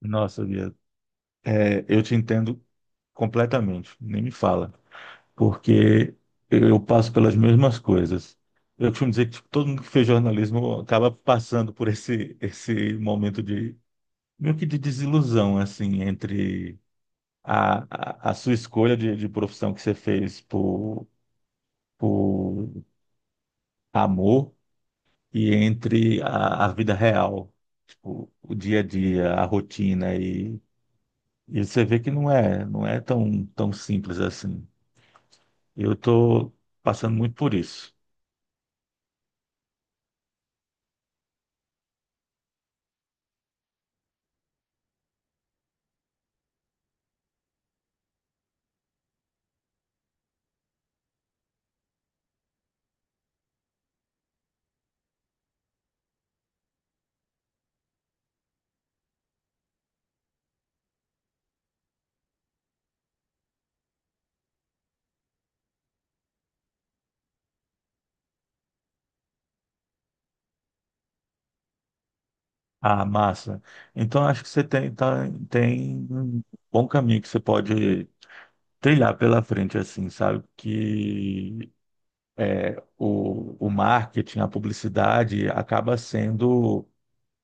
Nossa, Bia, é, eu te entendo completamente, nem me fala, porque eu passo pelas mesmas coisas. Eu costumo dizer que tipo, todo mundo que fez jornalismo acaba passando por esse momento de, meio que de desilusão, assim, entre a sua escolha de profissão que você fez por amor e entre a vida real, tipo, o dia a dia, a rotina. E você vê que não é tão, tão simples assim. Eu estou passando muito por isso. Ah, massa. Então acho que você tem um bom caminho que você pode trilhar pela frente, assim, sabe? Que o marketing, a publicidade acaba sendo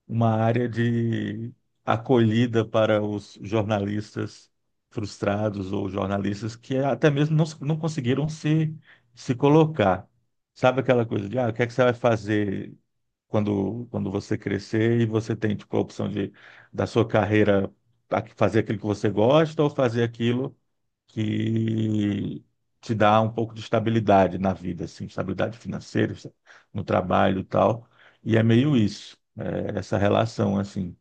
uma área de acolhida para os jornalistas frustrados ou jornalistas que até mesmo não conseguiram se colocar. Sabe aquela coisa de, ah, o que é que você vai fazer quando você crescer e você tem, tipo, a opção de, da sua carreira fazer aquilo que você gosta ou fazer aquilo que te dá um pouco de estabilidade na vida, assim, estabilidade financeira, no trabalho e tal. E é meio isso, essa relação, assim.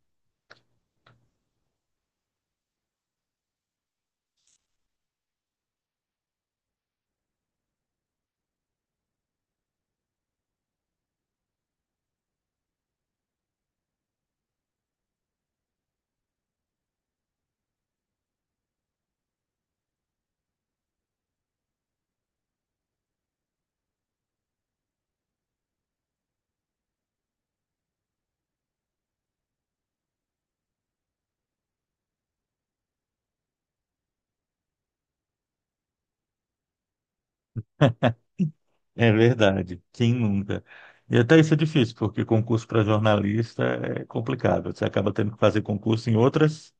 É verdade, quem nunca? E até isso é difícil, porque concurso para jornalista é complicado. Você acaba tendo que fazer concurso em outras,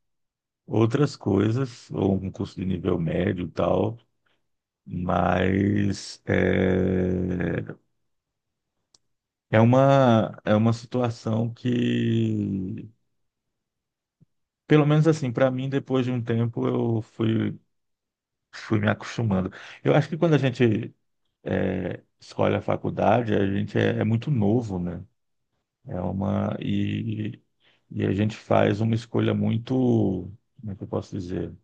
outras coisas, ou um concurso de nível médio e tal. Mas é uma situação que. Pelo menos assim, para mim, depois de um tempo, eu fui me acostumando. Eu acho que quando a gente escolhe a faculdade, a gente é muito novo, né? É uma, e, e a gente faz uma escolha muito, como é que eu posso dizer?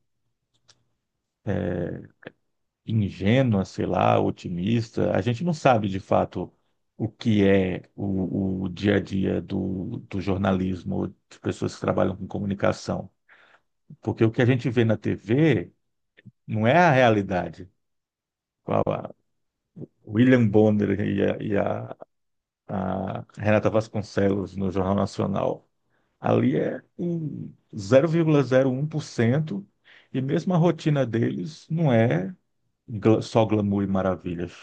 Ingênua, sei lá, otimista. A gente não sabe de fato o que é o dia a dia do jornalismo, de pessoas que trabalham com comunicação. Porque o que a gente vê na TV não é a realidade. Com a William Bonner e a Renata Vasconcelos no Jornal Nacional. Ali é um 0,01% e mesmo a rotina deles não é só glamour e maravilhas.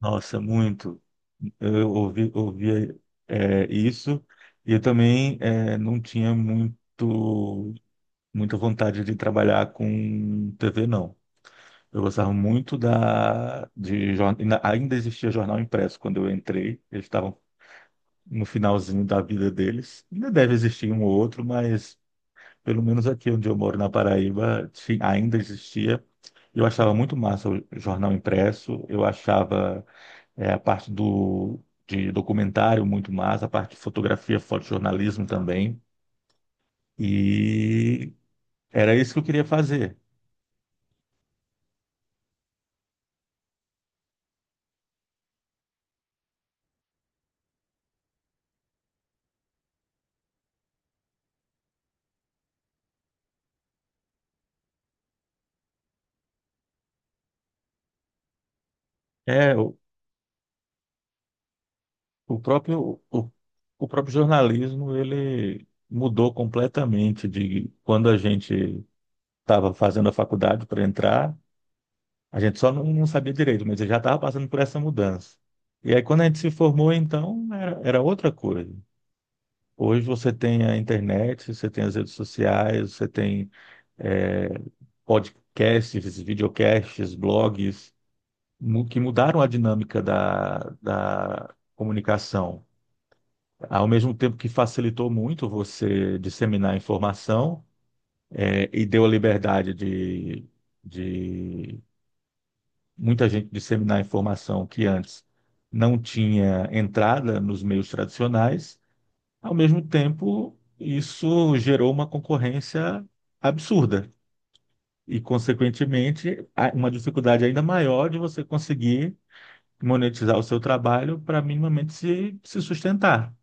Nossa, muito. Eu ouvia isso, e eu também não tinha muita vontade de trabalhar com TV, não. Eu gostava muito. Da, de, jor- ainda ainda existia jornal impresso quando eu entrei. Eles estavam no finalzinho da vida deles. Ainda deve existir um ou outro, mas pelo menos aqui onde eu moro, na Paraíba, sim, ainda existia. Eu achava muito massa o jornal impresso. Eu achava a parte de documentário muito massa, a parte de fotografia, fotojornalismo também. E era isso que eu queria fazer. É, O próprio, o, o próprio jornalismo, ele mudou completamente de quando a gente estava fazendo a faculdade para entrar, a gente só não sabia direito, mas eu já estava passando por essa mudança. E aí, quando a gente se formou, então, era outra coisa. Hoje você tem a internet, você tem as redes sociais, você tem eh, podcasts, videocasts, blogs, que mudaram a dinâmica da comunicação. Ao mesmo tempo que facilitou muito você disseminar informação, e deu a liberdade de, de muita gente disseminar informação que antes não tinha entrada nos meios tradicionais, ao mesmo tempo isso gerou uma concorrência absurda e, consequentemente, uma dificuldade ainda maior de você conseguir monetizar o seu trabalho para minimamente se sustentar.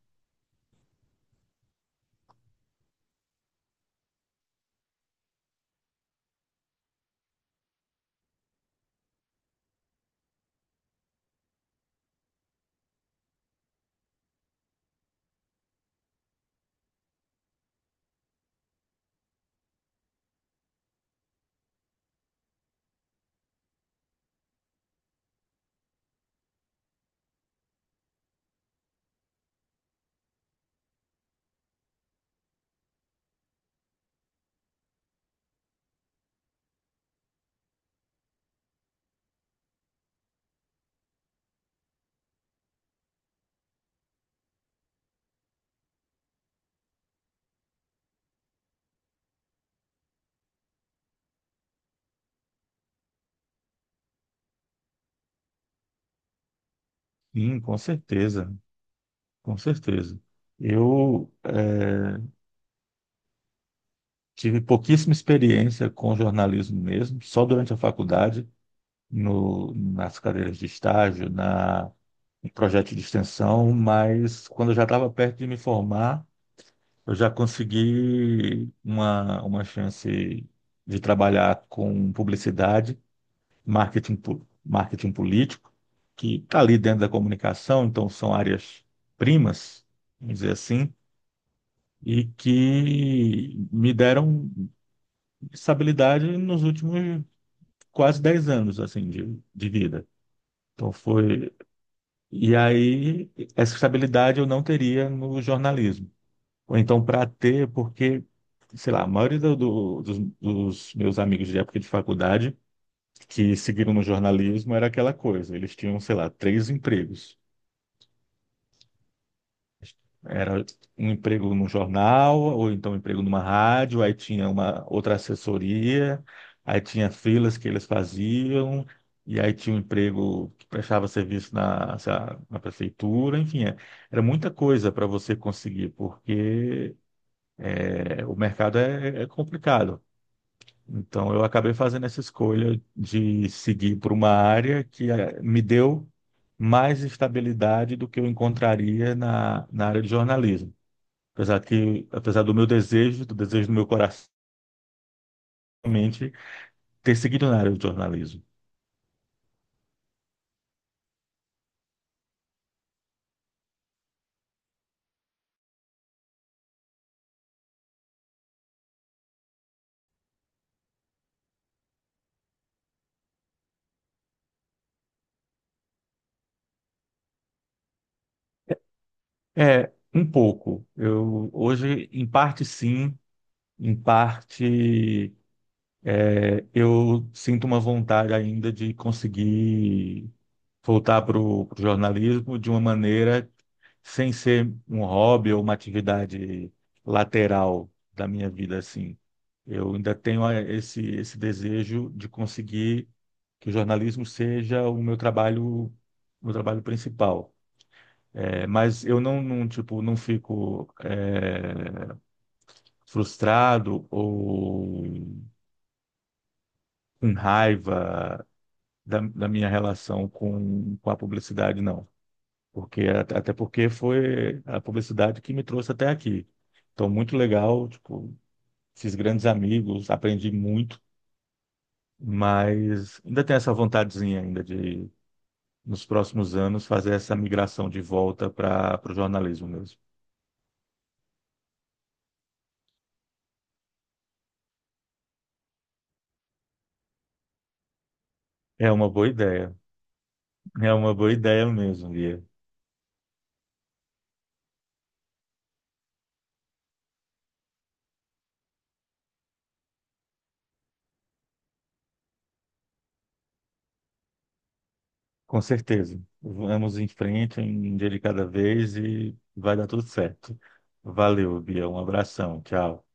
Sim, com certeza. Com certeza. Eu tive pouquíssima experiência com jornalismo mesmo, só durante a faculdade, no, nas cadeiras de estágio, em projeto de extensão, mas quando eu já estava perto de me formar, eu já consegui uma chance de trabalhar com publicidade, marketing, marketing político, que está ali dentro da comunicação, então são áreas primas, vamos dizer assim, e que me deram estabilidade nos últimos quase 10 anos assim de vida. Então foi. E aí essa estabilidade eu não teria no jornalismo. Ou então para ter, porque sei lá, a maioria dos meus amigos de época de faculdade que seguiram no jornalismo era aquela coisa, eles tinham, sei lá, 3 empregos. Era um emprego no jornal, ou então um emprego numa rádio, aí tinha uma outra assessoria, aí tinha filas que eles faziam, e aí tinha um emprego que prestava serviço na, sei lá, na prefeitura, enfim, era muita coisa para você conseguir, porque o mercado é complicado. Então eu acabei fazendo essa escolha de seguir por uma área que me deu mais estabilidade do que eu encontraria na área de jornalismo. Apesar do meu desejo do meu coração, realmente, ter seguido na área do jornalismo. É, um pouco. Eu hoje, em parte sim, em parte. Eu sinto uma vontade ainda de conseguir voltar para o jornalismo de uma maneira sem ser um hobby ou uma atividade lateral da minha vida, assim. Eu ainda tenho esse desejo de conseguir que o jornalismo seja o meu trabalho principal. É, mas eu tipo, não fico frustrado ou com raiva da minha relação com a publicidade, não. Porque, até porque foi a publicidade que me trouxe até aqui. Então, muito legal, tipo, fiz grandes amigos, aprendi muito, mas ainda tenho essa vontadezinha ainda de, nos próximos anos, fazer essa migração de volta para o jornalismo mesmo. É uma boa ideia, é uma boa ideia mesmo, Lia. Com certeza. Vamos em frente, um dia de cada vez e vai dar tudo certo. Valeu, Bia. Um abração. Tchau.